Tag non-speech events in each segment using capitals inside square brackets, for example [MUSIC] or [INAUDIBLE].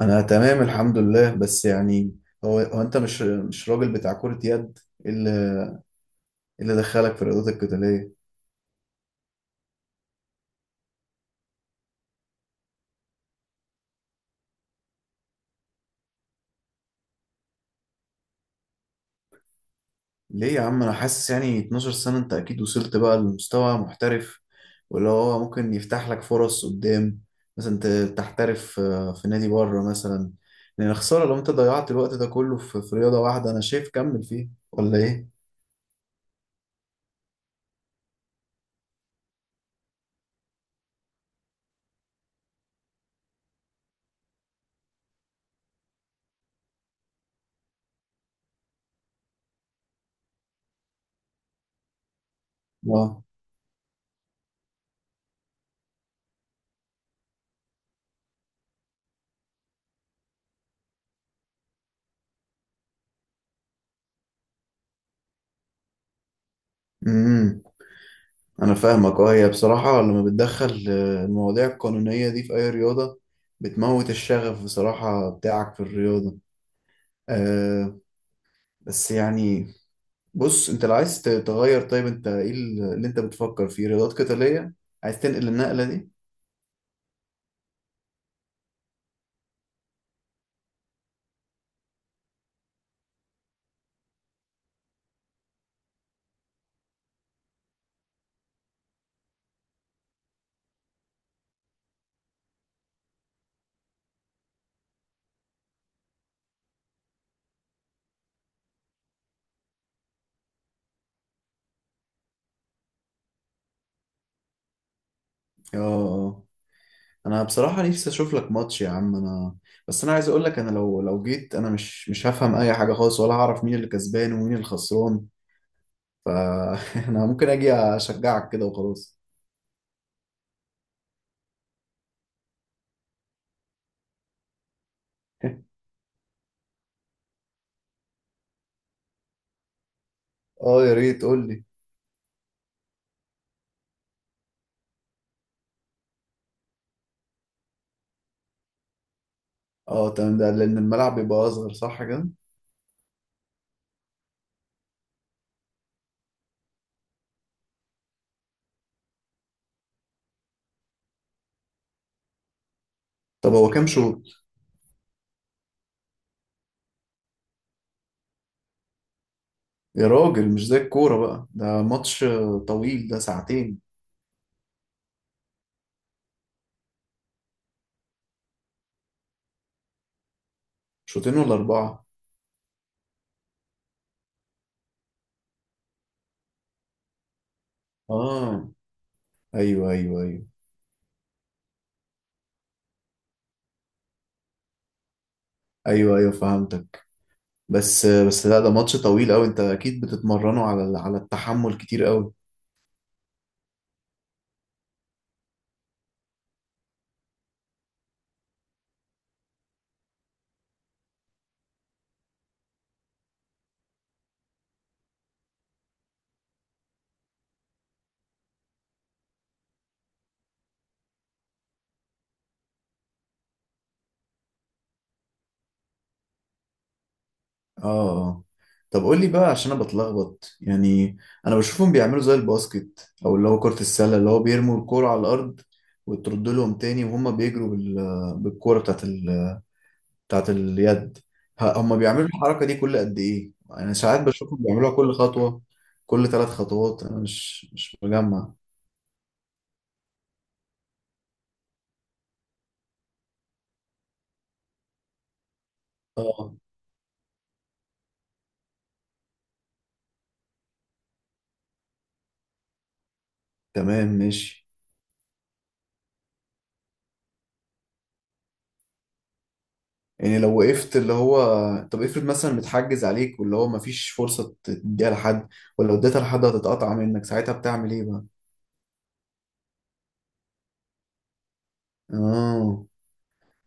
انا تمام الحمد لله، بس يعني هو انت مش راجل بتاع كرة يد. إيه اللي دخلك في الرياضات القتالية؟ ليه يا عم؟ انا حاسس يعني 12 سنة انت اكيد وصلت بقى لمستوى محترف، واللي هو ممكن يفتح لك فرص قدام. مثلا تحترف في نادي بره مثلا. لان خسارة لو انت ضيعت الوقت ده كله في رياضة واحدة. انا شايف كمل فيه ولا ايه؟ اه. امم أنا فاهمك، أه. هي بصراحة لما بتدخل المواضيع القانونية دي في أي رياضة بتموت الشغف بصراحة بتاعك في الرياضة. أه، بس يعني. بص، أنت لو عايز تغير، طيب أنت إيه اللي أنت بتفكر فيه رياضات قتالية؟ عايز تنقل النقلة دي؟ أه آه. أنا بصراحة نفسي أشوف لك ماتش يا عم. أنا بس أنا عايز أقول لك أنا لو جيت أنا مش هفهم أي حاجة خالص ولا هعرف مين اللي كسبان ومين اللي خسران. فأنا [LAUGHS] ممكن أجي أشجعك كده وخلاص. [LAUGHS] أه، يا ريت قول لي. اه تمام. ده لأن الملعب بيبقى أصغر صح كده؟ طب هو كام شوط؟ يا راجل، مش زي الكورة بقى، ده ماتش طويل، ده ساعتين. شوطين ولا أربعة؟ اه، أيوه أيوه أيوه. أيوه أيوه فهمتك. بس لا، ده ماتش طويل أوي. أنت أكيد بتتمرنوا على على التحمل كتير أوي. اه اه. طب قول لي بقى عشان أنا بتلخبط يعني. أنا بشوفهم بيعملوا زي الباسكت، أو اللي هو كرة السلة، اللي هو بيرموا الكورة على الأرض وترد لهم تاني، وهم بيجروا بالكورة بتاعت اليد. هما بيعملوا الحركة دي كل قد إيه؟ يعني ساعات بشوفهم بيعملوها كل خطوة، كل ثلاث خطوات. أنا مش مجمع. اه تمام ماشي. يعني لو وقفت اللي هو، طب افرض مثلا متحجز عليك واللي هو مفيش فرصة تديها لحد، ولو اديتها لحد هتتقطع منك، ساعتها بتعمل ايه بقى؟ اه.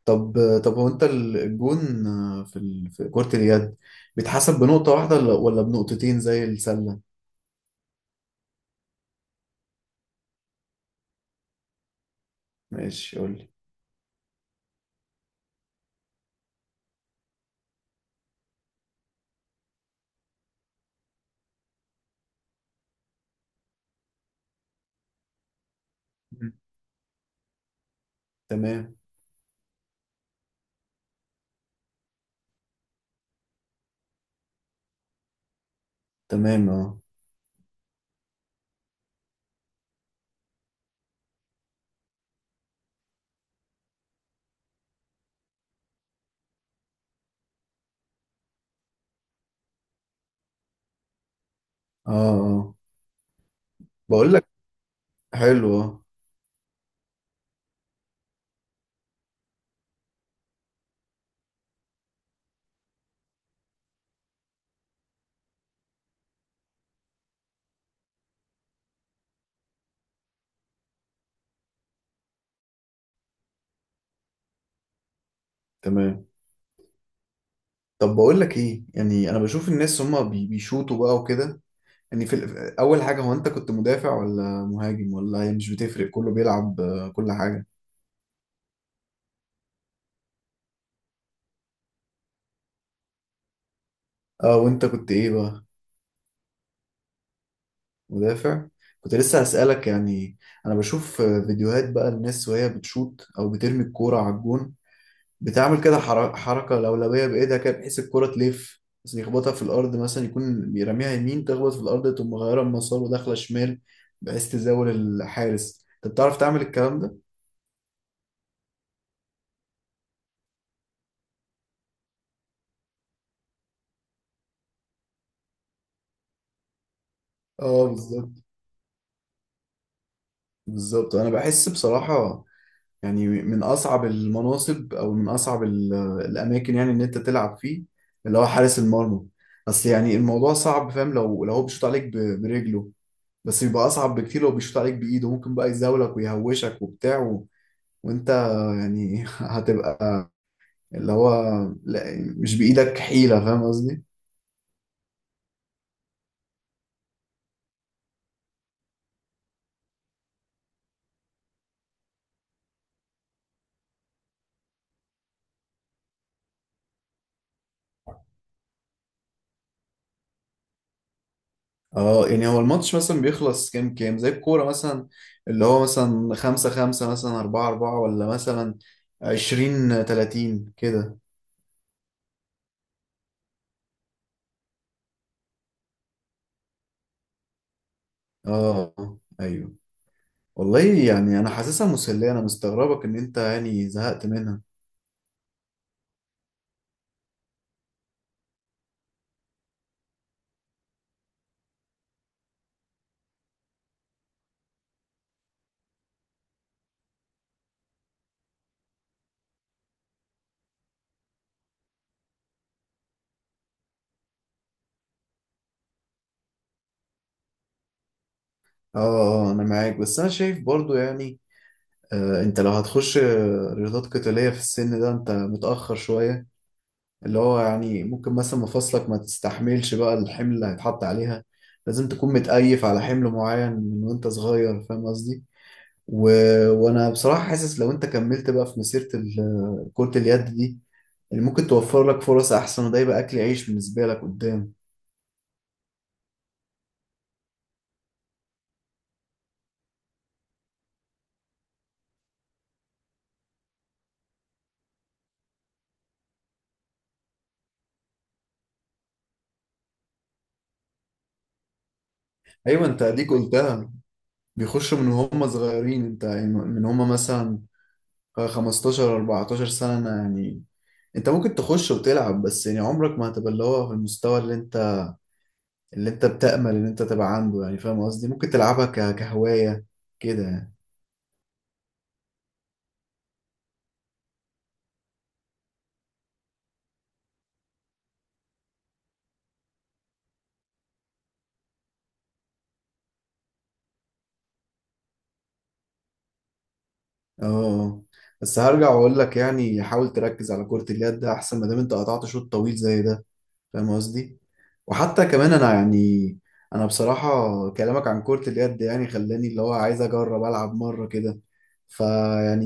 طب طب هو انت الجون في كرة اليد بيتحسب بنقطة واحدة ولا بنقطتين زي السلة؟ ماشي قول لي. مم. تمام. تمام اه. اه اه. بقول لك. حلو اه. تمام. طب بقول لك ايه، يعني انا بشوف الناس هما بيشوطوا بقى وكده. يعني في اول حاجه، هو انت كنت مدافع ولا مهاجم، ولا هي مش بتفرق كله بيلعب كل حاجه؟ اه، وانت كنت ايه بقى؟ مدافع. كنت لسه هسألك يعني. انا بشوف فيديوهات بقى الناس وهي بتشوط او بترمي الكوره على الجون. بتعمل كده حركة لولبية بإيدها كده، بحيث الكرة تلف، بس يخبطها في الأرض. مثلا يكون بيرميها يمين، تخبط في الأرض، تقوم مغيرة المسار وداخلة شمال بحيث تزاول الحارس. أنت بتعرف تعمل الكلام ده؟ اه بالظبط. بالظبط أنا بحس بصراحة يعني من أصعب المناصب، أو من أصعب الأماكن يعني إن أنت تلعب فيه، اللي هو حارس المرمى. بس يعني الموضوع صعب فاهم. لو هو بيشوط عليك برجله، بس بيبقى أصعب بكتير لو بيشوط عليك بإيده. ممكن بقى يزاولك ويهوشك وبتاع، وانت يعني [LAUGHS] هتبقى اللي هو، لا مش بإيدك حيلة، فاهم قصدي؟ اه. يعني هو الماتش مثلا بيخلص كام كام زي الكورة مثلا، اللي هو مثلا خمسة خمسة، مثلا أربعة أربعة، ولا مثلا عشرين تلاتين كده؟ اه أيوه. والله يعني أنا حاسسها مسلية، أنا مستغربك إن أنت يعني زهقت منها. اه اه. أنا معاك، بس أنا شايف برضو يعني. أنت لو هتخش رياضات قتالية في السن ده أنت متأخر شوية. اللي هو يعني ممكن مثلا مفاصلك ما تستحملش بقى الحمل اللي هيتحط عليها. لازم تكون متأيف على حمل معين من وانت صغير، فاهم قصدي؟ و... وانا بصراحة حاسس لو انت كملت بقى في مسيرة كرة اليد دي، اللي ممكن توفر لك فرص احسن، وده يبقى اكل عيش بالنسبة لك قدام. ايوه، انت اديك قلتها. بيخشوا من هم صغيرين، انت يعني من هم مثلا 15 14 سنة. يعني انت ممكن تخش وتلعب، بس يعني عمرك ما هتبقى اللي هو في المستوى اللي انت بتأمل ان انت تبقى عنده، يعني فاهم قصدي. ممكن تلعبها كهواية كده يعني. اه آه. بس هرجع واقول لك يعني حاول تركز على كرة اليد ده احسن، ما دام انت قطعت شوط طويل زي ده، فاهم قصدي. وحتى كمان انا يعني، انا بصراحة كلامك عن كرة اليد يعني خلاني اللي هو عايز اجرب العب مرة كده. فيعني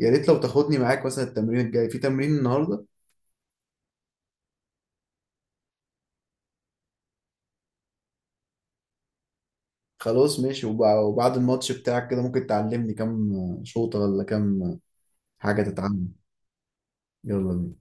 يا ريت لو تاخدني معاك مثلا التمرين الجاي في تمرين النهاردة. خلاص ماشي. وبعد الماتش بتاعك كده ممكن تعلمني كام شوطة ولا كام حاجة تتعلم. يلا بينا.